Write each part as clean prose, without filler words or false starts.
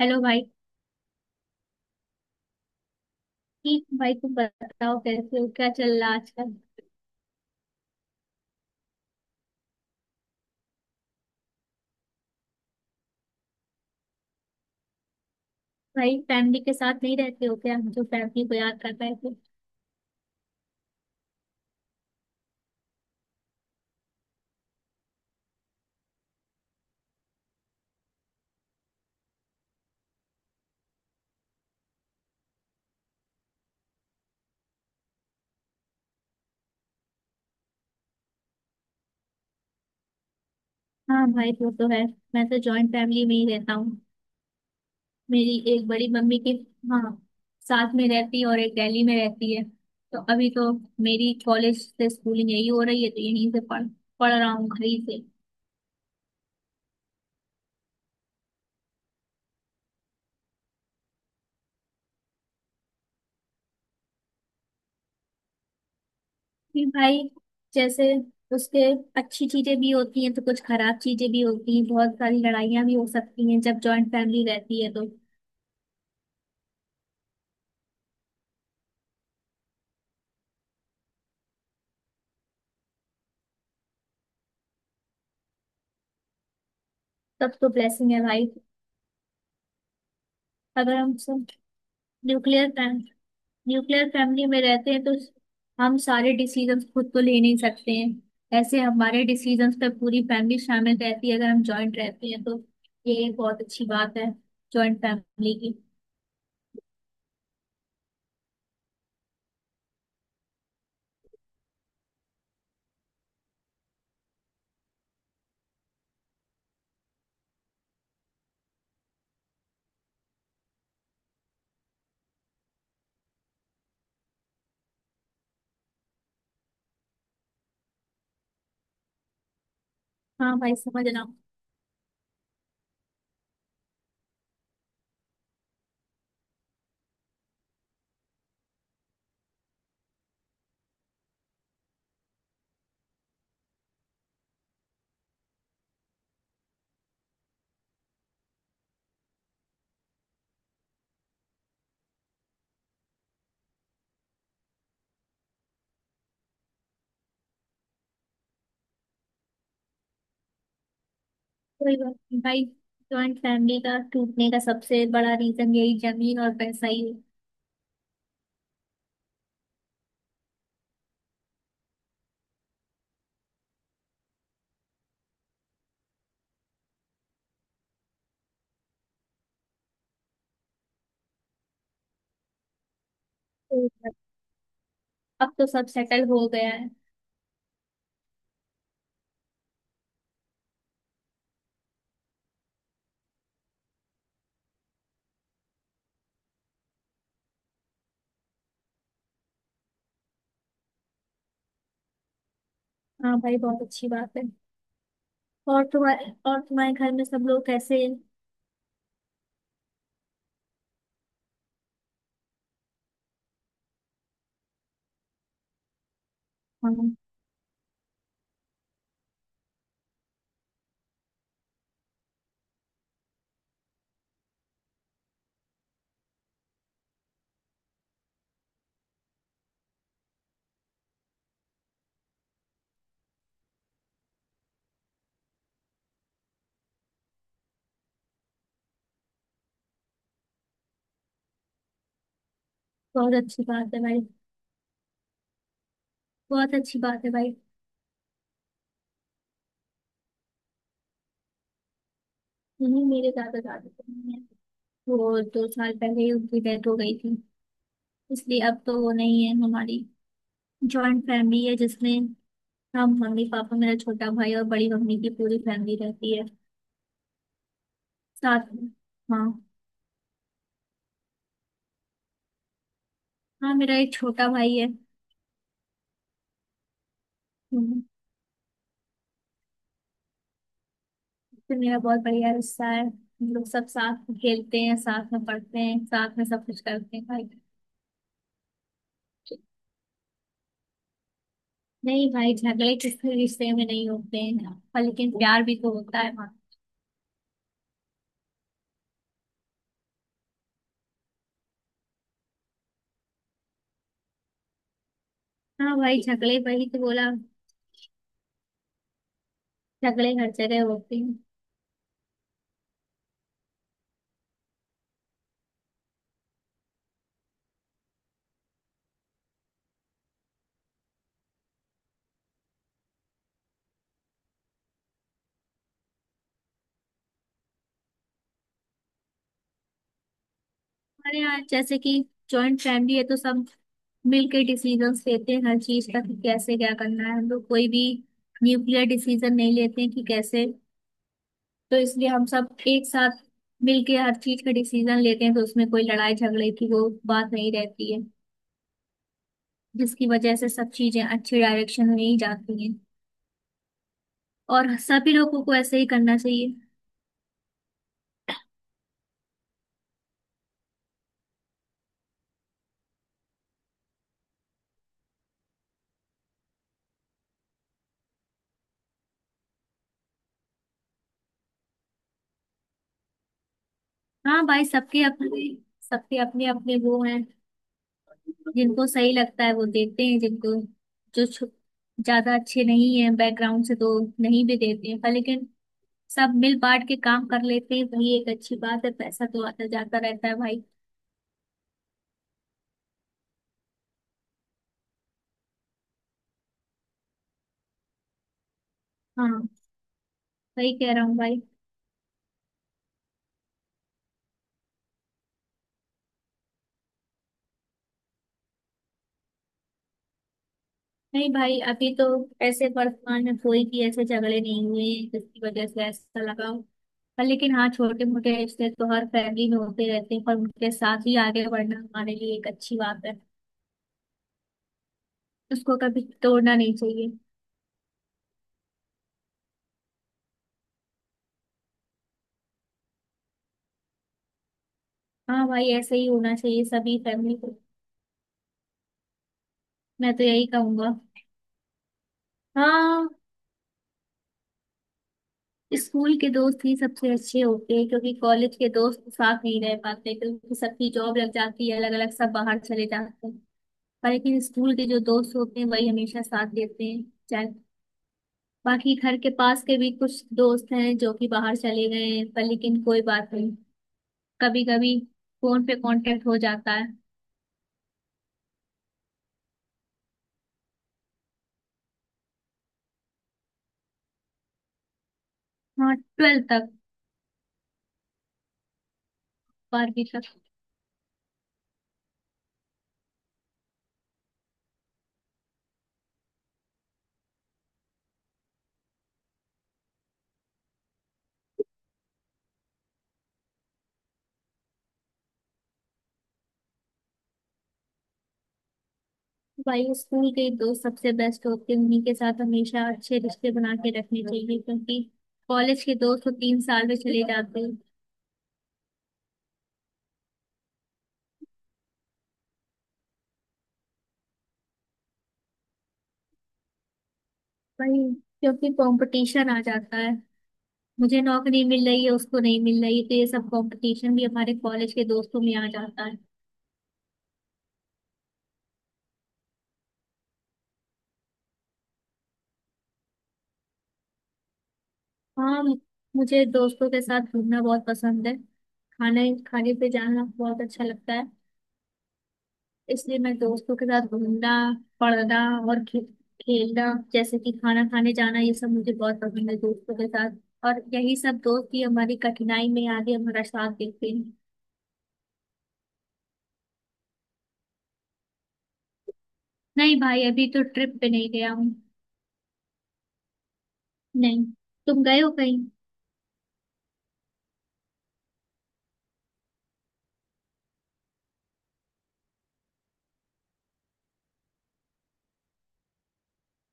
Hello भाई। ठीक भाई तुम बताओ कैसे हो, क्या चल रहा है आजकल। भाई फैमिली के साथ नहीं रहते हो क्या, जो फैमिली को याद करता है तो। हाँ भाई वो तो है। मैं तो जॉइंट फैमिली में ही रहता हूँ। मेरी एक बड़ी मम्मी के, हाँ, साथ में रहती है और एक दिल्ली में रहती है। तो अभी तो मेरी कॉलेज से स्कूलिंग यही हो रही है, तो यहीं से पढ़ पढ़ रहा हूँ घर ही से। फिर भाई जैसे उसके अच्छी चीजें भी होती हैं तो कुछ खराब चीजें भी होती हैं। बहुत सारी लड़ाइयाँ भी हो सकती हैं जब जॉइंट फैमिली रहती है तो। तब तो ब्लेसिंग है भाई। अगर हम सब न्यूक्लियर फैम, न्यूक्लियर फैमिली में रहते हैं तो हम सारे डिसीजंस खुद तो ले नहीं सकते हैं। ऐसे हमारे डिसीजंस पे पूरी फैमिली शामिल रहती है अगर हम जॉइंट रहते हैं तो। ये एक बहुत अच्छी बात है जॉइंट फैमिली की। हाँ भाई समझ रहा हूँ। कोई बात नहीं भाई। जॉइंट फैमिली का टूटने का सबसे बड़ा रीजन यही जमीन और पैसा ही है। तो अब तो सब सेटल हो गया है। हाँ भाई बहुत अच्छी बात है। और तुम्हारे घर में सब लोग कैसे हैं? हाँ, बहुत अच्छी बात है भाई। बहुत अच्छी बात है भाई। नहीं, मेरे दादा दादी तो नहीं है। वो 2 साल पहले ही उनकी डेथ हो गई थी। इसलिए अब तो वो नहीं है। हमारी जॉइंट फैमिली है जिसमें हम मम्मी पापा मेरा छोटा भाई और बड़ी मम्मी की पूरी फैमिली रहती है साथ में। हाँ। हाँ मेरा एक छोटा भाई है। हम्म। फिर मेरा बहुत बढ़िया रिश्ता है। हम लोग सब साथ में खेलते हैं, साथ में पढ़ते हैं, साथ में सब कुछ करते हैं भाई। नहीं भाई झगड़े किसी रिश्ते में नहीं होते हैं पर लेकिन प्यार भी तो होता है। हाँ भाई झगड़े वही तो बोला। झगड़े हर जगह होते हैं। हमारे यहाँ जैसे कि जॉइंट फैमिली है तो सब मिलके डिसीजंस लेते हैं हर चीज का कि कैसे क्या करना है। हम लोग कोई भी न्यूक्लियर डिसीजन नहीं लेते हैं कि कैसे। तो इसलिए हम सब एक साथ मिलके हर चीज का डिसीजन लेते हैं तो उसमें कोई लड़ाई झगड़े की वो बात नहीं रहती है। जिसकी वजह से सब चीजें अच्छी डायरेक्शन में ही जाती हैं। और सभी लोगों को ऐसे ही करना चाहिए। हाँ भाई सबके अपने, सबके अपने अपने वो हैं। जिनको सही लगता है वो देते हैं। जो छु- ज्यादा अच्छे नहीं है बैकग्राउंड से तो नहीं भी देते हैं, पर लेकिन सब मिल बांट के काम कर लेते हैं। वही एक अच्छी बात है। पैसा तो आता जाता रहता है भाई। हाँ वही कह रहा हूँ भाई। नहीं भाई अभी तो ऐसे वर्तमान में कोई भी ऐसे झगड़े नहीं हुए हैं जिसकी वजह से ऐसा लगा हो। पर लेकिन हाँ, छोटे मोटे रिश्ते तो हर फैमिली में होते रहते हैं, पर उनके साथ ही आगे बढ़ना हमारे लिए एक अच्छी बात है। उसको कभी तोड़ना नहीं चाहिए। हाँ भाई ऐसे ही होना चाहिए सभी फैमिली को। मैं तो यही कहूंगा। हाँ, स्कूल के दोस्त ही सबसे अच्छे होते हैं क्योंकि कॉलेज के दोस्त साथ नहीं रह पाते क्योंकि सबकी जॉब लग जाती है, अलग अलग सब बाहर चले जाते हैं। पर लेकिन स्कूल के जो दोस्त होते हैं वही हमेशा साथ देते हैं, चाहे। बाकी घर के पास के भी कुछ दोस्त हैं जो कि बाहर चले गए हैं पर लेकिन कोई बात नहीं, कभी कभी फोन पे कांटेक्ट हो जाता है। हाँ ट्वेल्थ तक। बारहवीं तक। भाई स्कूल के ही दोस्त सबसे बेस्ट होते हैं। उन्हीं के साथ हमेशा अच्छे रिश्ते बना के रखने चाहिए क्योंकि कॉलेज के दोस्त तो 3 साल में चले जाते हैं भाई। क्योंकि कंपटीशन आ जाता है। मुझे नौकरी मिल रही है उसको नहीं मिल रही, तो ये सब कंपटीशन भी हमारे कॉलेज के दोस्तों में आ जाता है। हाँ, मुझे दोस्तों के साथ घूमना बहुत पसंद है। खाने खाने पे जाना बहुत अच्छा लगता है। इसलिए मैं दोस्तों के साथ घूमना, पढ़ना और खेलना, जैसे कि खाना खाने जाना, ये सब मुझे बहुत पसंद है दोस्तों के साथ। और यही सब दोस्त ही हमारी कठिनाई में आगे हमारा साथ देते हैं। नहीं भाई अभी तो ट्रिप पे नहीं गया हूँ। नहीं। तुम गए हो कहीं।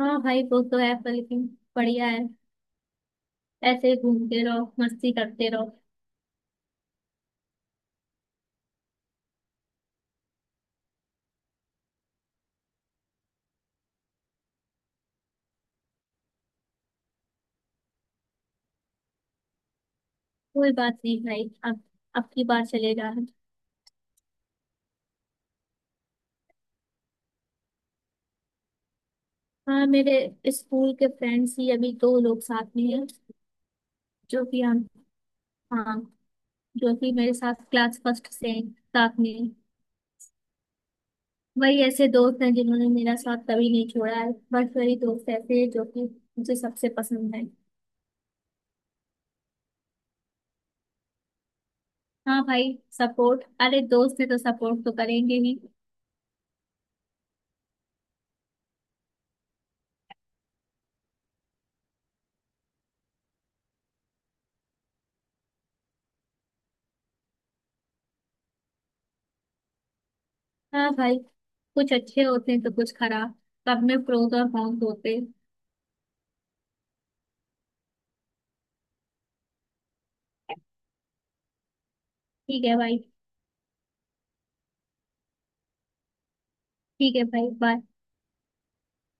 हाँ भाई वो तो है पर लेकिन बढ़िया है, ऐसे ही घूमते रहो मस्ती करते रहो। कोई बात नहीं भाई, अब की बार चलेगा। हाँ मेरे स्कूल के फ्रेंड्स ही अभी 2 लोग साथ में हैं, जो कि हम, हाँ, जो कि मेरे साथ क्लास फर्स्ट से हैं, साथ में हैं। वही ऐसे दोस्त हैं जिन्होंने मेरा साथ कभी नहीं छोड़ा है। बस वही दोस्त ऐसे हैं जो कि मुझे सबसे पसंद है। हाँ भाई सपोर्ट, अरे दोस्त है तो सपोर्ट तो करेंगे ही। हाँ भाई कुछ अच्छे होते हैं तो कुछ खराब। सब में प्रोज और कॉन्स होते हैं। ठीक है भाई। ठीक है भाई, बाय।